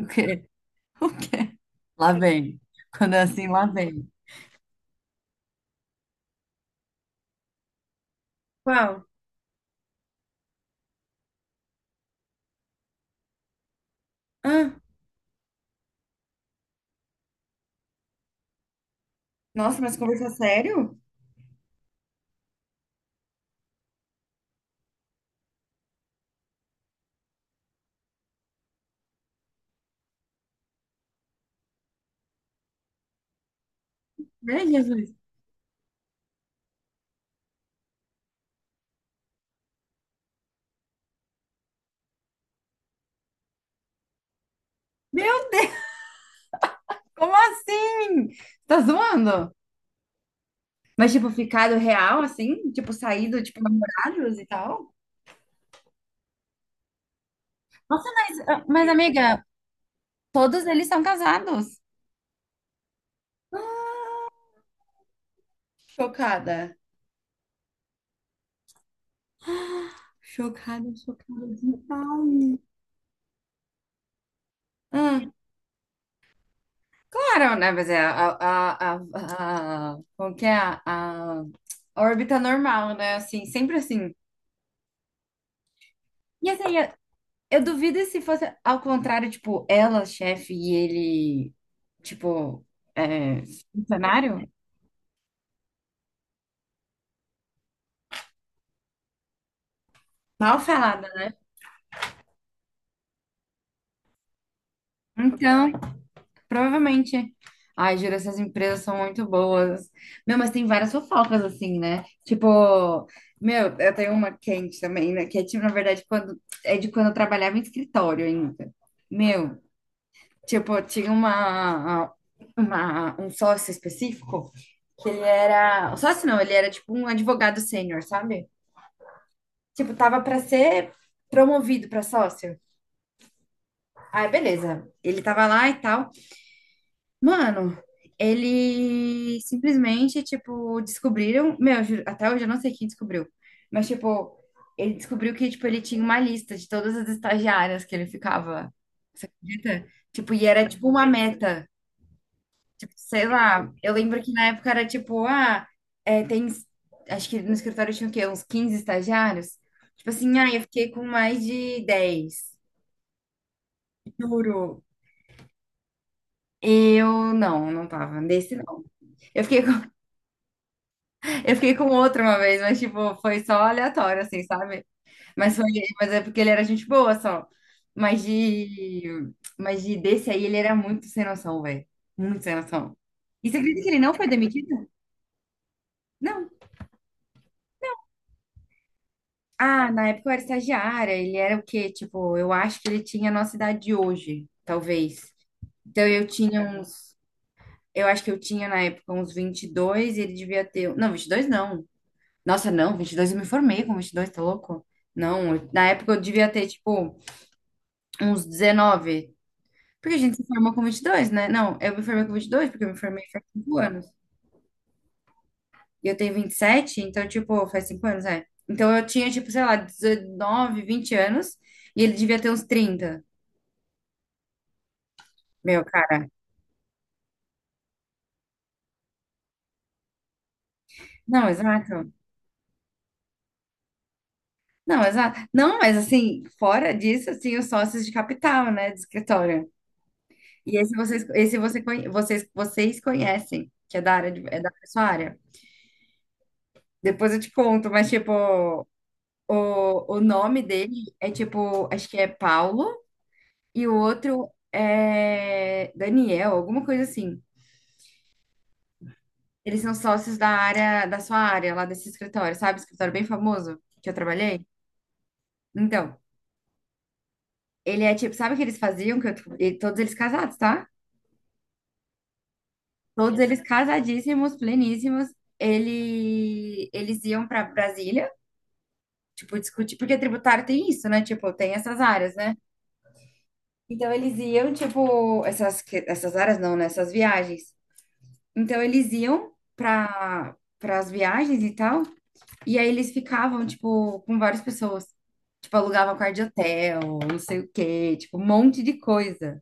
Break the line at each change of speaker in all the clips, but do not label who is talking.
O quê? O quê? Lá vem. Quando é assim, lá vem. Qual? Ah, nossa, mas conversa sério? Vem, Jesus. Meu Deus, como assim? Tá zoando? Mas, tipo, ficado real, assim? Tipo, saído, tipo, namorados e tal? Nossa, mas, ah, mas amiga, todos eles são casados. Chocada. Chocada, chocada demais. Ah, claro, né? Mas é a como que é? A órbita normal, né? Assim, sempre assim. E assim, eu duvido se fosse ao contrário, tipo, ela, chefe, e ele, tipo, é, funcionário? Mal falada, né? Então, provavelmente. Ai, juro, essas empresas são muito boas. Meu, mas tem várias fofocas, assim, né? Tipo, meu, eu tenho uma quente também, né? Que é, tipo, na verdade, quando, é de quando eu trabalhava em escritório ainda. Meu, tipo, tinha um sócio específico que ele era um sócio, não, ele era tipo um advogado sênior, sabe? Tipo, tava pra ser promovido pra sócio. Aí, beleza. Ele tava lá e tal. Mano, ele simplesmente, tipo, descobriram. Meu, eu juro, até hoje eu não sei quem descobriu. Mas, tipo, ele descobriu que, tipo, ele tinha uma lista de todas as estagiárias que ele ficava. Você acredita? Tipo, e era tipo uma meta. Tipo, sei lá, eu lembro que na época era tipo, ah, tem, acho que no escritório tinha o quê? Uns 15 estagiários? Tipo assim, ah, eu fiquei com mais de 10, juro. Eu não, não tava, desse não. Eu fiquei com, eu fiquei com outro uma vez, mas tipo, foi só aleatório, assim, sabe? Mas foi, mas é porque ele era gente boa só. Mas de, mas de desse aí, ele era muito sem noção, velho. Muito sem noção. E você acredita que ele não foi demitido? Não. Ah, na época eu era estagiária, ele era o quê? Tipo, eu acho que ele tinha a nossa idade de hoje, talvez. Então eu tinha uns, eu acho que eu tinha na época uns 22 e ele devia ter, um, não, 22 não. Nossa, não, 22, eu me formei com 22, tá louco? Não, na época eu devia ter tipo uns 19 porque a gente se formou com 22, né? Não, eu me formei com 22 porque eu me formei faz 5 anos. E eu tenho 27, então tipo, faz 5 anos, é. Então eu tinha tipo, sei lá, 19 20 anos e ele devia ter uns 30. Meu, cara. Não, exato. Não, exato. Não, mas assim, fora disso, assim, os sócios de capital, né, de escritório. E esse vocês, esse você, vocês conhecem, que é da área de, é da sua área. Depois eu te conto, mas tipo, o nome dele é tipo, acho que é Paulo e o outro é Daniel, alguma coisa assim. Eles são sócios da área, da sua área, lá desse escritório, sabe? Escritório bem famoso que eu trabalhei. Então, ele é tipo, sabe o que eles faziam? E todos eles casados, tá? Todos eles casadíssimos, pleníssimos. Eles iam para Brasília, tipo, discutir, porque tributário tem isso, né? Tipo, tem essas áreas, né? Então eles iam, tipo, essas, essas áreas não, né? Essas viagens. Então eles iam para as viagens e tal, e aí eles ficavam, tipo, com várias pessoas. Tipo, alugavam quarto de hotel, não sei o quê, tipo, um monte de coisa.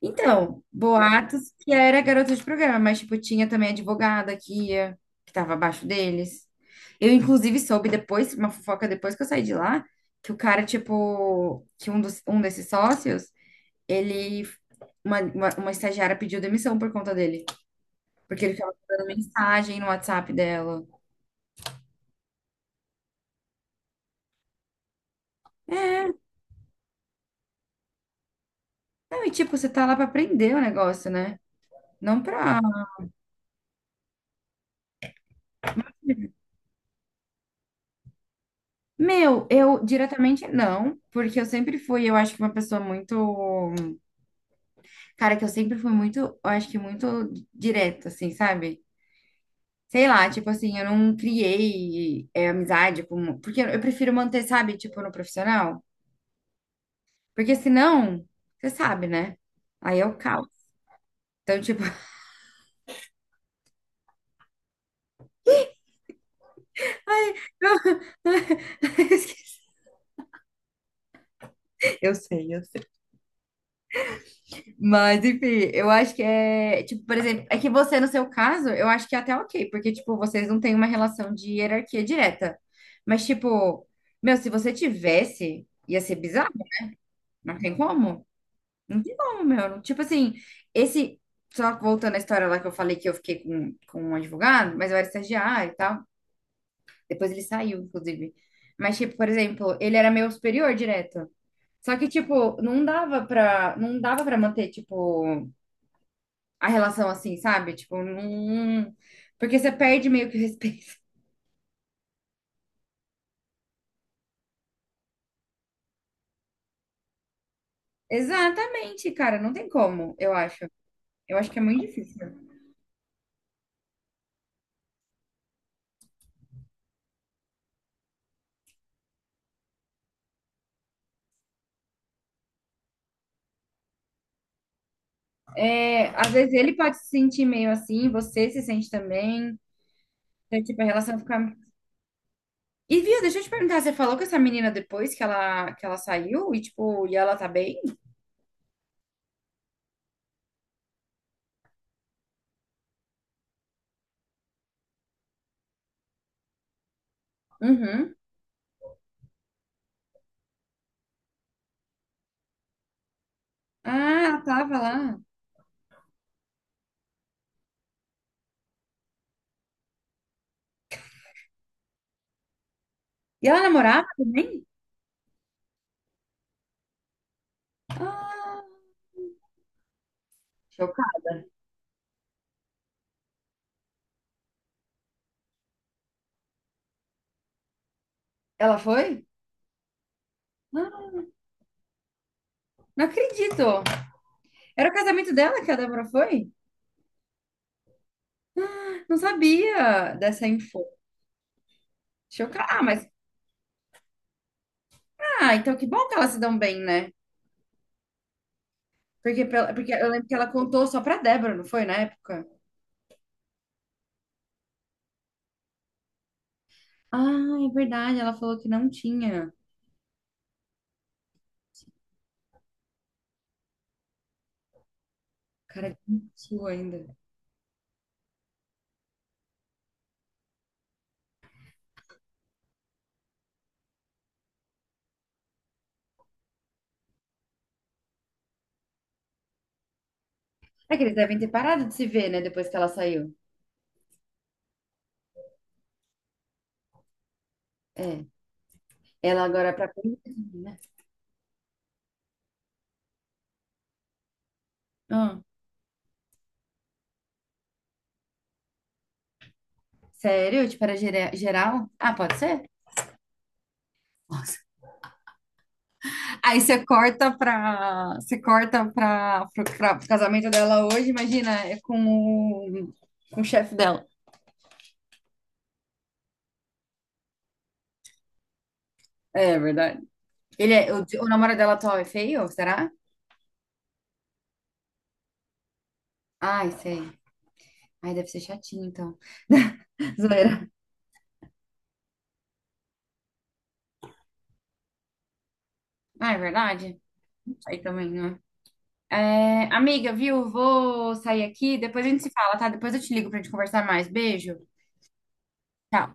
Então, boatos que era garota de programa, mas, tipo, tinha também advogada que ia, que tava abaixo deles. Eu, inclusive, soube depois, uma fofoca depois que eu saí de lá, que o cara, tipo, que um desses sócios, ele, uma estagiária pediu demissão por conta dele, porque ele ficava mandando mensagem no WhatsApp dela. Não, e, tipo, você tá lá pra aprender o negócio, né? Não pra. Meu, eu diretamente não, porque eu sempre fui, eu acho que uma pessoa muito. Cara, que eu sempre fui muito, eu acho que muito direta, assim, sabe? Sei lá, tipo assim, eu não criei amizade, porque eu prefiro manter, sabe, tipo, no profissional. Porque senão, você sabe, né? Aí é o caos. Então, tipo, eu sei, eu sei. Mas, enfim, eu acho que é, tipo, por exemplo, é que você, no seu caso, eu acho que é até ok, porque, tipo, vocês não têm uma relação de hierarquia direta. Mas, tipo, meu, se você tivesse, ia ser bizarro, não tem como. Não tem como, meu. Tipo assim, esse. Só voltando à história lá que eu falei que eu fiquei com um advogado, mas eu era estagiária e tal. Depois ele saiu, inclusive. Mas, tipo, por exemplo, ele era meu superior direto. Só que, tipo, não dava pra manter, tipo, a relação assim, sabe? Tipo, não. Porque você perde meio que o respeito. Exatamente, cara. Não tem como, eu acho. Eu acho que é muito difícil. É, às vezes ele pode se sentir meio assim, você se sente também. Então, tipo, a relação fica. E viu, deixa eu te perguntar, você falou com essa menina depois que ela saiu e, tipo, e ela tá bem? Uhum. Ah, ela tava lá. E ela namorava também? Ah, chocada. Ela foi? Ah, não acredito. Era o casamento dela que a Débora foi? Não sabia dessa info. Chocada. Ah, mas, então que bom que elas se dão bem, né? Porque, porque eu lembro que ela contou só pra Débora, não foi, na época? Ah, é verdade, ela falou que não tinha. Cara, que mentiu ainda. É que eles devem ter parado de se ver, né? Depois que ela saiu. É. Ela agora é pra polícia, né? Ah, sério? Tipo, era geral? Ah, pode ser? Nossa. Aí você corta pra. Você corta pro casamento dela hoje, imagina, é com o chefe dela. É, é verdade. Ele é, o namorado dela atual é feio, será? Ai, sei. Ai, deve ser chatinho, então. Zoeira. Ah, é verdade? Aí também, né? É, amiga, viu? Vou sair aqui, depois a gente se fala, tá? Depois eu te ligo pra gente conversar mais. Beijo. Tchau.